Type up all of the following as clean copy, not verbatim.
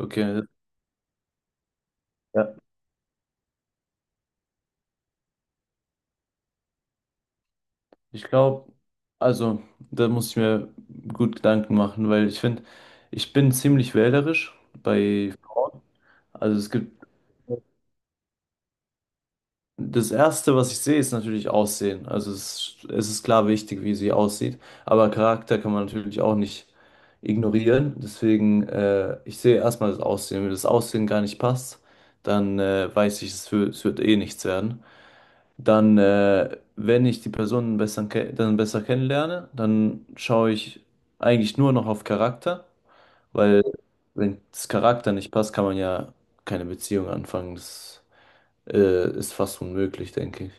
Okay, ja. Ich glaube, also da muss ich mir gut Gedanken machen, weil ich finde, ich bin ziemlich wählerisch bei Frauen. Also es gibt, das Erste, was ich sehe, ist natürlich Aussehen. Also es ist klar wichtig, wie sie aussieht, aber Charakter kann man natürlich auch nicht ignorieren. Deswegen, ich sehe erstmal das Aussehen. Wenn das Aussehen gar nicht passt, dann weiß ich, es wird eh nichts werden. Dann, wenn ich die Person dann besser kennenlerne, dann schaue ich eigentlich nur noch auf Charakter, weil wenn das Charakter nicht passt, kann man ja keine Beziehung anfangen. Ist fast unmöglich, denke ich.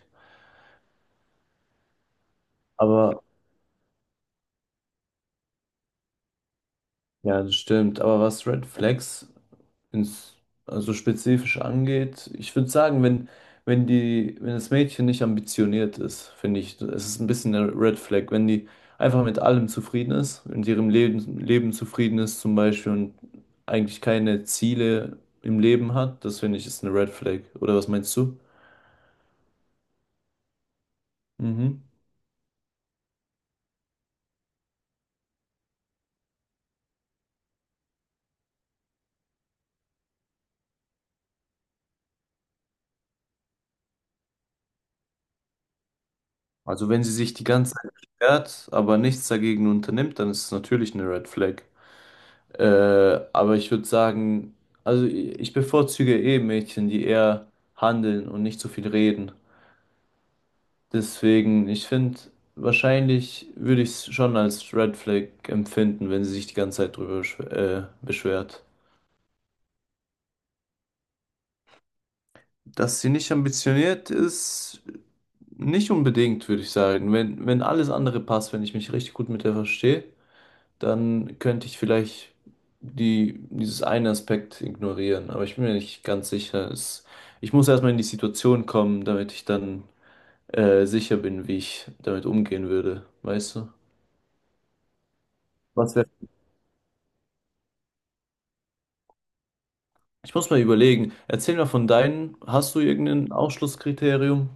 Aber ja, das stimmt. Aber was Red Flags? ins, also spezifisch angeht. Ich würde sagen, wenn die, wenn das Mädchen nicht ambitioniert ist, finde ich, es ist ein bisschen eine Red Flag. Wenn die einfach mit allem zufrieden ist, in ihrem Leben zufrieden ist zum Beispiel und eigentlich keine Ziele im Leben hat, das finde ich ist eine Red Flag. Oder was meinst du? Mhm. Also wenn sie sich die ganze Zeit beschwert, aber nichts dagegen unternimmt, dann ist es natürlich eine Red Flag. Aber ich würde sagen, ich bevorzuge eh Mädchen, die eher handeln und nicht so viel reden. Deswegen, ich finde, wahrscheinlich würde ich es schon als Red Flag empfinden, wenn sie sich die ganze Zeit drüber beschwert. Dass sie nicht ambitioniert ist, nicht unbedingt, würde ich sagen. Wenn alles andere passt, wenn ich mich richtig gut mit der verstehe, dann könnte ich vielleicht dieses einen Aspekt ignorieren. Aber ich bin mir nicht ganz sicher. Ich muss erstmal in die Situation kommen, damit ich dann sicher bin, wie ich damit umgehen würde. Weißt du? Was wär? Ich muss mal überlegen. Erzähl mal von deinen. Hast du irgendein Ausschlusskriterium?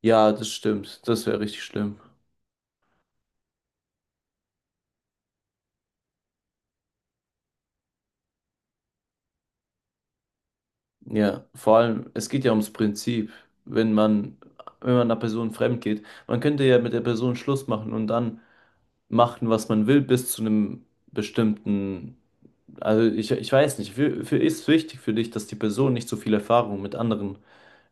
Ja, das stimmt. Das wäre richtig schlimm. Ja, vor allem, es geht ja ums Prinzip. Wenn man, wenn man einer Person fremd geht, man könnte ja mit der Person Schluss machen und dann machen, was man will, bis zu einem bestimmten. Also ich weiß nicht, ist wichtig für dich, dass die Person nicht so viel Erfahrung mit anderen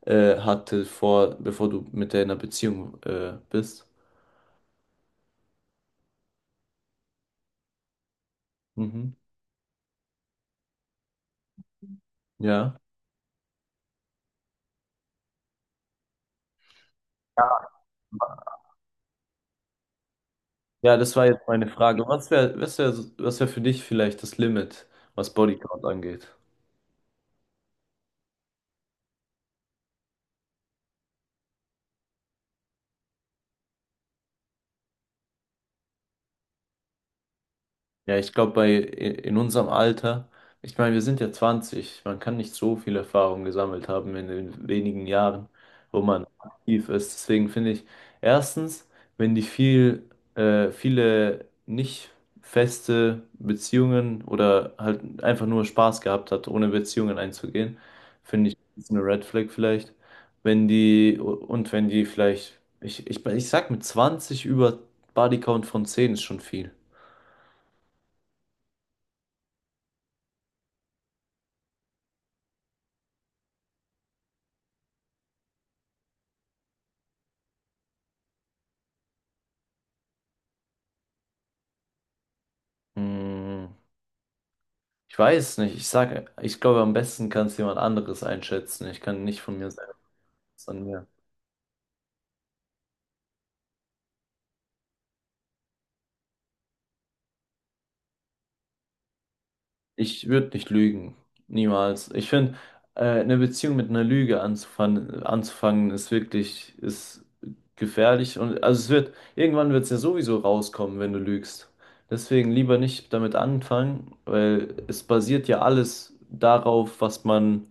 hatte, bevor du mit der in einer Beziehung bist. Mhm. Ja. Ja, das war jetzt meine Frage. Was wäre für dich vielleicht das Limit, was Bodycount angeht? Ja, ich glaube, bei in unserem Alter, ich meine, wir sind ja 20, man kann nicht so viel Erfahrung gesammelt haben in den wenigen Jahren, wo man aktiv ist. Deswegen finde ich, erstens, wenn die viel, viele nicht feste Beziehungen oder halt einfach nur Spaß gehabt hat, ohne Beziehungen einzugehen, finde ich, ist eine Red Flag vielleicht. Wenn die, und wenn die vielleicht, ich sag mit 20 über Bodycount von 10 ist schon viel. Mm. Ich weiß nicht, ich sage, ich glaube, am besten kann es jemand anderes einschätzen. Ich kann nicht von mir sagen, es ist an mir. Ich würde nicht lügen. Niemals. Ich finde, eine Beziehung mit einer Lüge anzufangen ist wirklich, ist gefährlich. Und also irgendwann wird es ja sowieso rauskommen, wenn du lügst. Deswegen lieber nicht damit anfangen, weil es basiert ja alles darauf, was man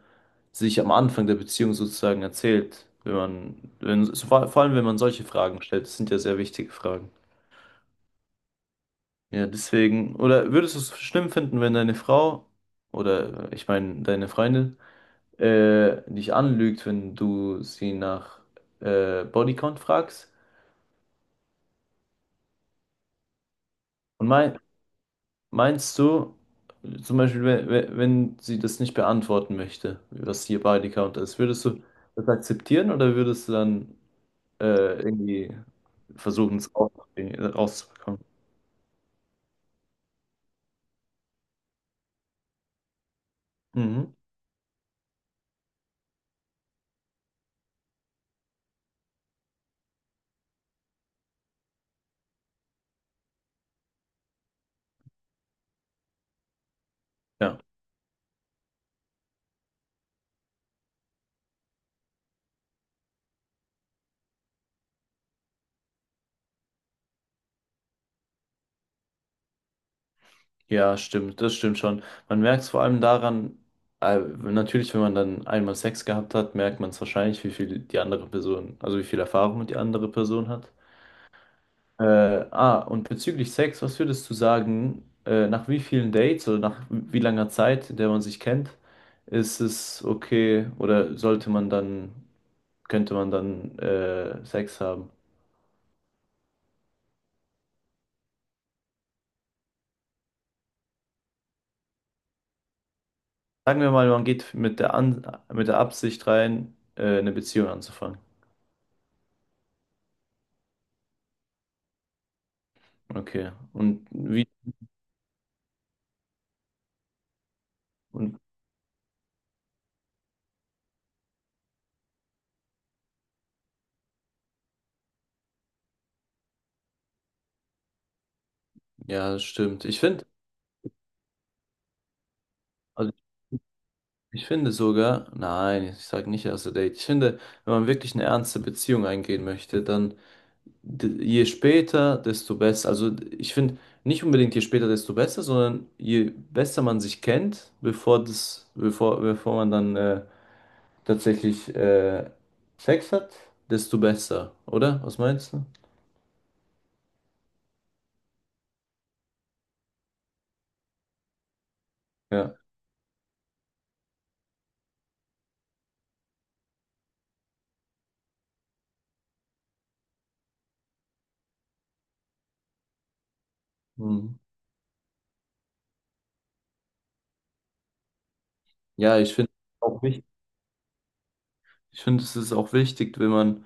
sich am Anfang der Beziehung sozusagen erzählt. Wenn man, wenn, so vor vor allem wenn man solche Fragen stellt, das sind ja sehr wichtige Fragen. Ja, deswegen, oder würdest du es schlimm finden, wenn deine Frau oder ich meine deine Freundin dich anlügt, wenn du sie nach Bodycount fragst? Und meinst du, zum Beispiel, wenn sie das nicht beantworten möchte, was ihr Bodycount ist, würdest du das akzeptieren oder würdest du dann irgendwie versuchen, es rauszubekommen. Mhm. Ja. Ja, stimmt, das stimmt schon. Man merkt es vor allem daran, natürlich, wenn man dann einmal Sex gehabt hat, merkt man es wahrscheinlich, wie viel die andere Person, also wie viel Erfahrung die andere Person hat. Äh, und bezüglich Sex, was würdest du sagen, nach wie vielen Dates oder nach wie langer Zeit, in der man sich kennt, ist es okay oder sollte man dann könnte man dann Sex haben? Sagen wir mal, man geht mit der Absicht rein, eine Beziehung anzufangen. Okay. Und wie? Und ja, das stimmt. Ich finde, also nein, ich sage nicht erste Date. Ich finde, wenn man wirklich eine ernste Beziehung eingehen möchte, dann je später, desto besser. Also ich finde nicht unbedingt je später, desto besser, sondern je besser man sich kennt, bevor man dann tatsächlich Sex hat, desto besser, oder? Was meinst du? Ja. Mhm. Ja, ich finde auch wichtig, ich finde, es ist auch wichtig, wenn man,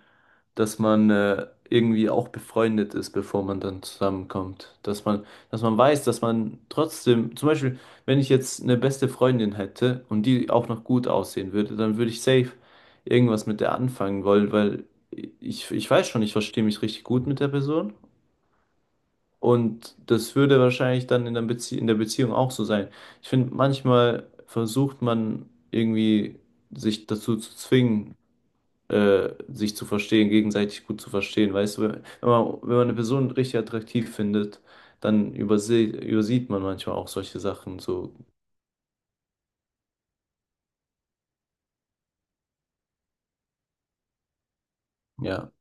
dass man irgendwie auch befreundet ist, bevor man dann zusammenkommt. Dass man weiß, dass man trotzdem, zum Beispiel, wenn ich jetzt eine beste Freundin hätte und die auch noch gut aussehen würde, dann würde ich safe irgendwas mit der anfangen wollen, weil ich weiß schon, ich verstehe mich richtig gut mit der Person. Und das würde wahrscheinlich dann in der Beziehung auch so sein. Ich finde, manchmal versucht man irgendwie sich dazu zu zwingen, sich zu verstehen, gegenseitig gut zu verstehen. Weißt du, wenn man eine Person richtig attraktiv findet, dann überse übersieht man manchmal auch solche Sachen. So, ja.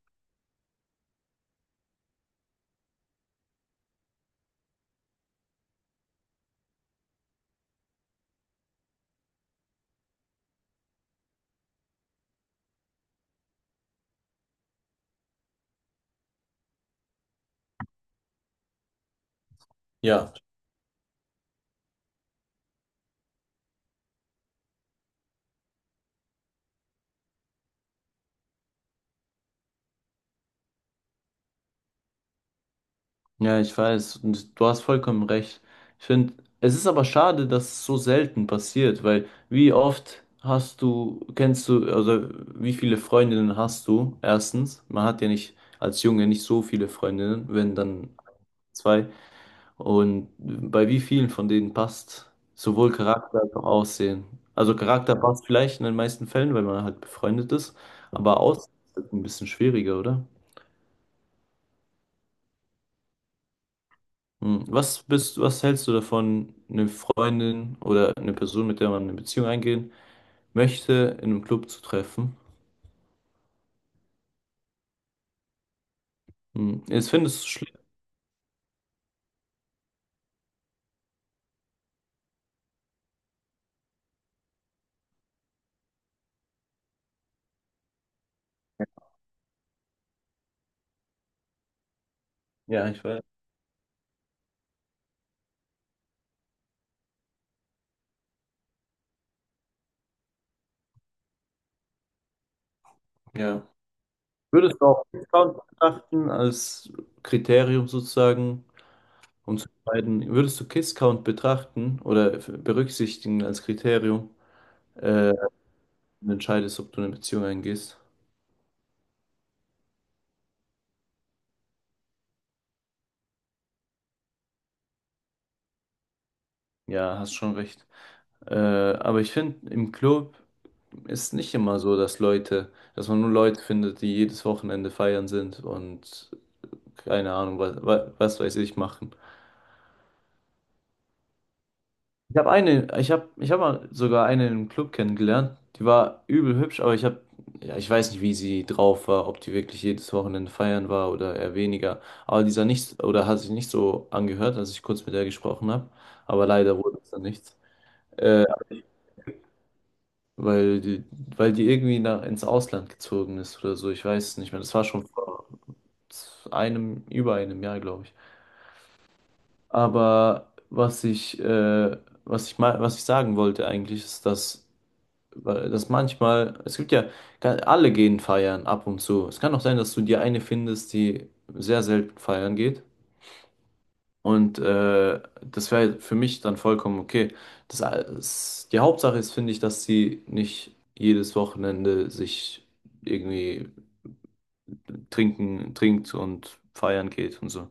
Ja. Ja, ich weiß. Und du hast vollkommen recht. Ich finde, es ist aber schade, dass es so selten passiert, weil wie oft hast du, kennst du, also wie viele Freundinnen hast du? Erstens, man hat ja nicht als Junge nicht so viele Freundinnen, wenn dann zwei. Und bei wie vielen von denen passt sowohl Charakter als auch Aussehen? Also Charakter passt vielleicht in den meisten Fällen, weil man halt befreundet ist, aber Aussehen ist ein bisschen schwieriger, oder? Hm, was bist, was hältst du davon, eine Freundin oder eine Person, mit der man eine Beziehung eingehen möchte, in einem Club zu treffen? Hm, jetzt findest du es schlimm. Ja, ich weiß. Ja. Würdest du auch Kiss-Count betrachten als Kriterium sozusagen, um zu entscheiden, würdest du Kiss-Count betrachten oder berücksichtigen als Kriterium, äh, wenn du entscheidest, ob du eine Beziehung eingehst? Ja, hast schon recht. Aber ich finde, im Club ist nicht immer so, dass Leute, dass man nur Leute findet, die jedes Wochenende feiern sind und keine Ahnung, was weiß ich machen. Ich habe mal sogar eine im Club kennengelernt. Die war übel hübsch, aber ja, ich weiß nicht, wie sie drauf war, ob die wirklich jedes Wochenende feiern war oder eher weniger. Aber die sah nicht, oder hat sich nicht so angehört, als ich kurz mit der gesprochen habe. Aber leider wurde es dann nichts. Äh, weil die irgendwie ins Ausland gezogen ist oder so. Ich weiß es nicht mehr. Das war schon vor über einem Jahr, glaube ich. Aber was ich sagen wollte eigentlich, ist, dass manchmal, es gibt ja, ga- alle gehen feiern ab und zu. Es kann auch sein, dass du dir eine findest, die sehr selten feiern geht. Und das wäre für mich dann vollkommen okay. Die Hauptsache ist, finde ich, dass sie nicht jedes Wochenende sich irgendwie trinkt und feiern geht und so.